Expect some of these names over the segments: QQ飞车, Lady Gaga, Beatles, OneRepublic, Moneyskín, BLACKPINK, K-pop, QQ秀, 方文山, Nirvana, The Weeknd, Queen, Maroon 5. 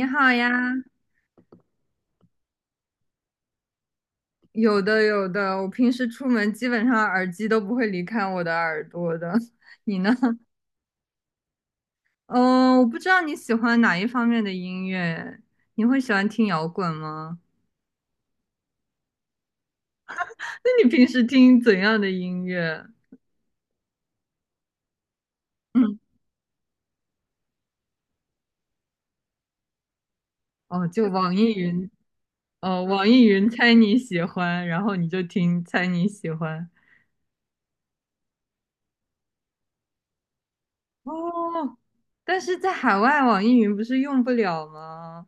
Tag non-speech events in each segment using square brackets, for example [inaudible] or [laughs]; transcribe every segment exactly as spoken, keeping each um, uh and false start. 你好呀，有的有的，我平时出门基本上耳机都不会离开我的耳朵的。[laughs] 你呢？[laughs] 嗯，我不知道你喜欢哪一方面的音乐，你会喜欢听摇滚吗？[laughs] 那你平时听怎样的音乐？嗯，哦，就网易云，哦，网易云猜你喜欢，然后你就听猜你喜欢。哦，但是在海外网易云不是用不了吗？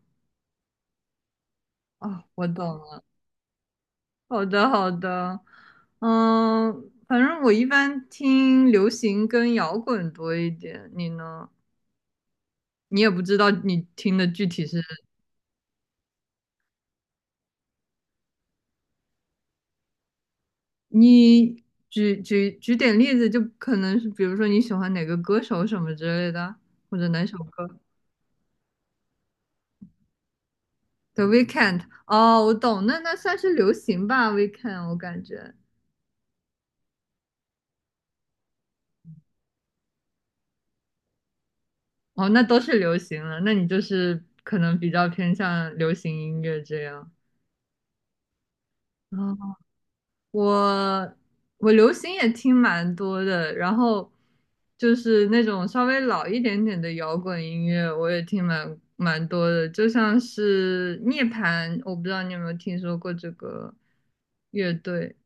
哦，我懂了。好的，好的，嗯，反正我一般听流行跟摇滚多一点，你呢？你也不知道你听的具体是，你举举举点例子，就可能是比如说你喜欢哪个歌手什么之类的，或者哪首歌？The Weeknd，哦，我懂，那那算是流行吧，Weeknd，我感觉，哦，那都是流行了，那你就是可能比较偏向流行音乐这样。哦我我流行也听蛮多的，然后就是那种稍微老一点点的摇滚音乐，我也听蛮蛮多的，就像是涅槃，我不知道你有没有听说过这个乐队，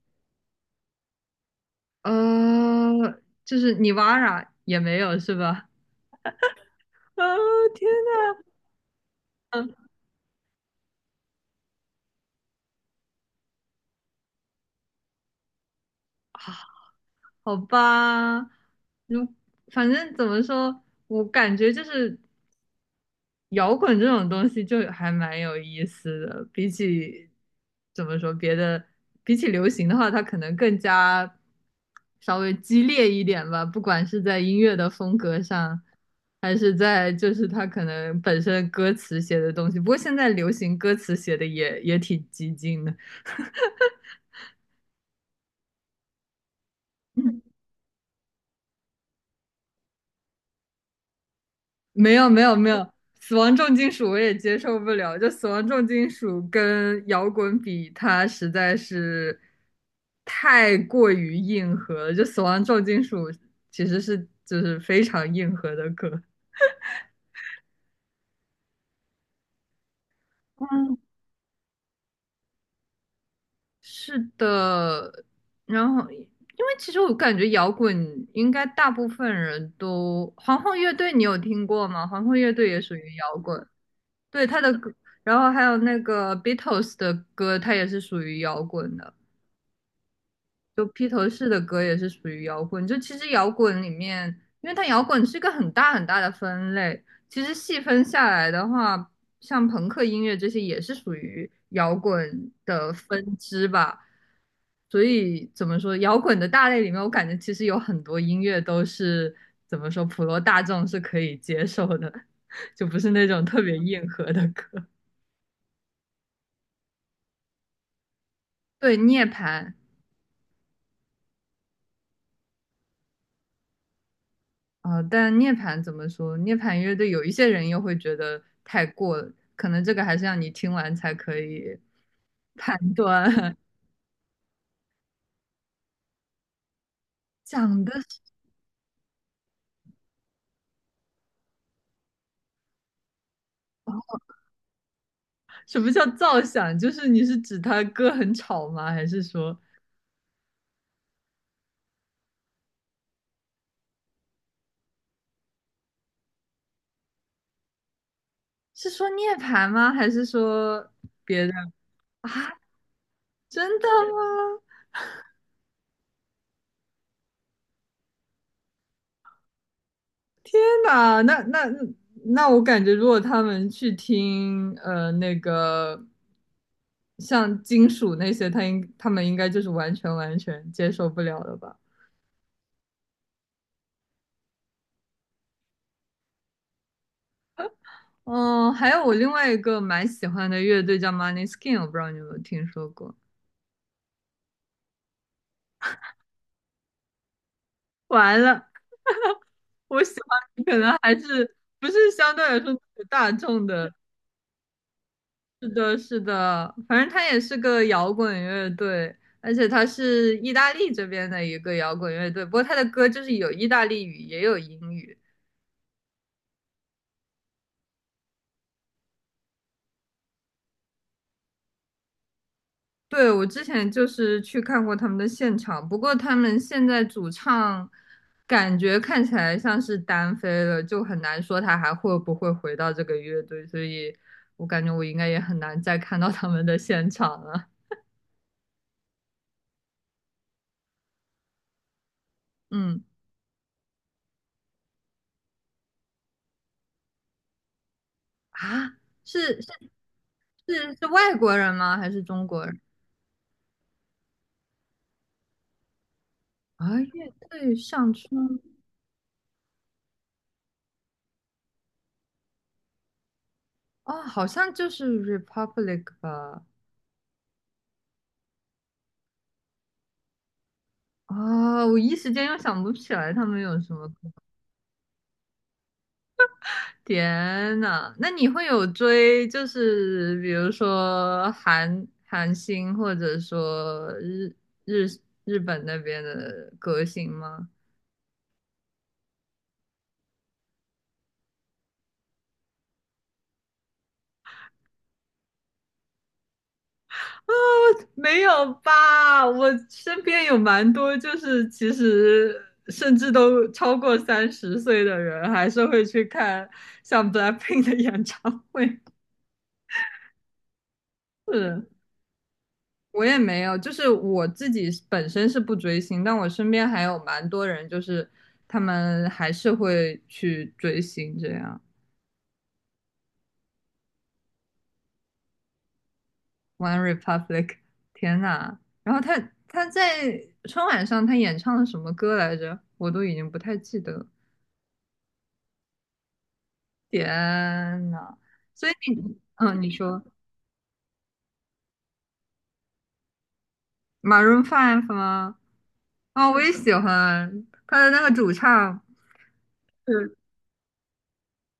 呃，就是尼瓦拉也没有是吧？[laughs] 啊，天呐，嗯，好吧，如反正怎么说，我感觉就是。摇滚这种东西就还蛮有意思的，比起怎么说别的，比起流行的话，它可能更加稍微激烈一点吧，不管是在音乐的风格上，还是在就是它可能本身歌词写的东西。不过现在流行歌词写的也也挺激进的，没有没有没有，死亡重金属我也接受不了，就死亡重金属跟摇滚比，它实在是太过于硬核了。就死亡重金属其实是就是非常硬核的歌。嗯，[laughs] 是的，然后因为其实我感觉摇滚应该大部分人都，皇后乐队你有听过吗？皇后乐队也属于摇滚。对他的歌，然后还有那个 Beatles 的歌，它也是属于摇滚的。就披头士的歌也是属于摇滚。就其实摇滚里面，因为它摇滚是一个很大很大的分类，其实细分下来的话，像朋克音乐这些也是属于摇滚的分支吧。所以怎么说，摇滚的大类里面，我感觉其实有很多音乐都是怎么说，普罗大众是可以接受的，[laughs] 就不是那种特别硬核的歌。对涅槃啊、呃但涅槃怎么说？涅槃乐队有一些人又会觉得太过了，可能这个还是让你听完才可以 [laughs] 判断。[laughs] 讲的是哦什么叫造响？就是你是指他歌很吵吗？还是说是说涅槃吗？还是说别的 [laughs] 啊？真的吗？天哪，那那那我感觉，如果他们去听呃那个像金属那些，他应他们应该就是完全完全接受不了的吧？嗯，还有我另外一个蛮喜欢的乐队叫 m o n e y s k i n 我不知道你有没有听说过。完了，我喜欢的可能还是不是相对来说大众的是的，是的，反正他也是个摇滚乐队，而且他是意大利这边的一个摇滚乐队。不过他的歌就是有意大利语，也有英语。对，我之前就是去看过他们的现场，不过他们现在主唱感觉看起来像是单飞了，就很难说他还会不会回到这个乐队，所以我感觉我应该也很难再看到他们的现场了。嗯，啊，是是是是外国人吗？还是中国人？啊，乐队上春啊，好像就是 Republic 吧？啊，我一时间又想不起来他们有什么歌。天呐，那你会有追，就是比如说韩韩星，或者说日日日本那边的歌星吗？啊，没有吧？我身边有蛮多，就是其实甚至都超过三十岁的人，还是会去看像 BLACKPINK 的演唱会。[laughs] 是，我也没有，就是我自己本身是不追星，但我身边还有蛮多人，就是他们还是会去追星这样。One Republic，天呐！然后他他在春晚上他演唱了什么歌来着？我都已经不太记得了。天呐，所以你，嗯，你说 Maroon Five 吗？啊，我也喜欢他的那个主唱，嗯，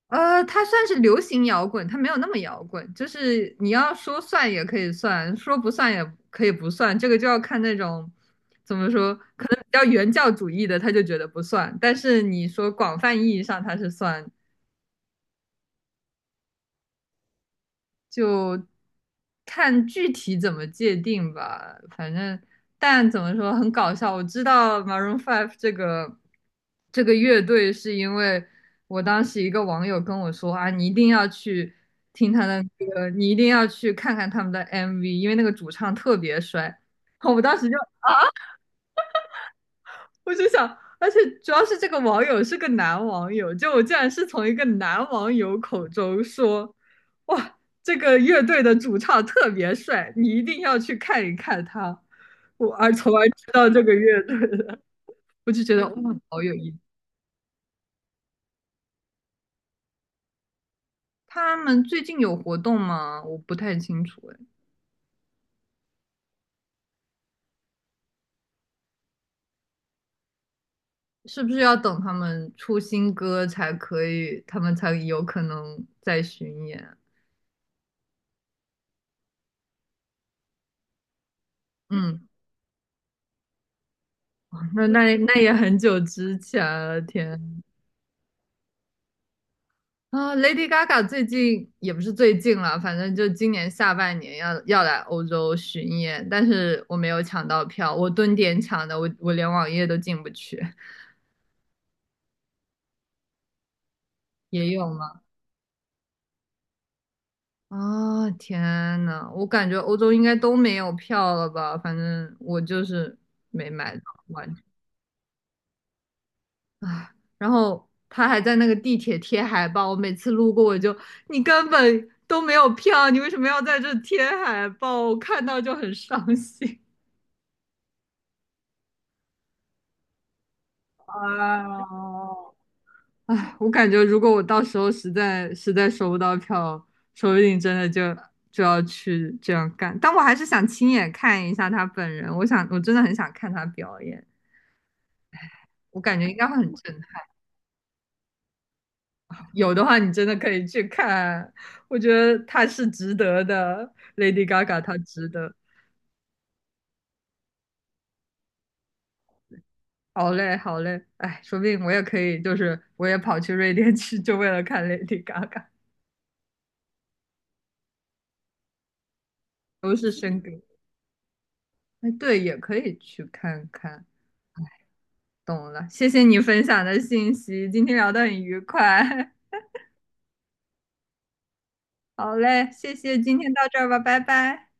呃，他算是流行摇滚，他没有那么摇滚，就是你要说算也可以算，说不算也可以不算，这个就要看那种怎么说，可能比较原教旨主义的，他就觉得不算，但是你说广泛意义上他是算就看具体怎么界定吧。反正，但怎么说很搞笑。我知道 Maroon Five 这个这个乐队，是因为我当时一个网友跟我说啊，你一定要去听他的歌，你一定要去看看他们的 M V，因为那个主唱特别帅。[laughs] 我当时就我就想，而且主要是这个网友是个男网友，就我竟然是从一个男网友口中说，哇，这个乐队的主唱特别帅，你一定要去看一看他，我而从而知道这个乐队的，[laughs] 我就觉得哇，好有意思。他们最近有活动吗？我不太清楚，哎，是不是要等他们出新歌才可以，他们才有可能再巡演？嗯，那那那也很久之前了，天。啊，Lady Gaga 最近也不是最近了，反正就今年下半年要要来欧洲巡演，但是我没有抢到票，我蹲点抢的，我我连网页都进不去。也有吗？啊，天呐，我感觉欧洲应该都没有票了吧？反正我就是没买到，完全啊。然后他还在那个地铁贴海报，我每次路过我就，你根本都没有票，你为什么要在这贴海报？我看到就很伤心。哦，哎，我感觉如果我到时候实在实在收不到票，说不定真的就就要去这样干。但我还是想亲眼看一下他本人，我想我真的很想看他表演，我感觉应该会很震撼。有的话，你真的可以去看，我觉得他是值得的，Lady Gaga 他值得。好嘞，好嘞，哎，说不定我也可以，就是我也跑去瑞典去，就为了看 Lady Gaga，都是生格。哎，对，也可以去看看。懂了，谢谢你分享的信息，今天聊得很愉快。[laughs] 好嘞，谢谢，今天到这儿吧，拜拜。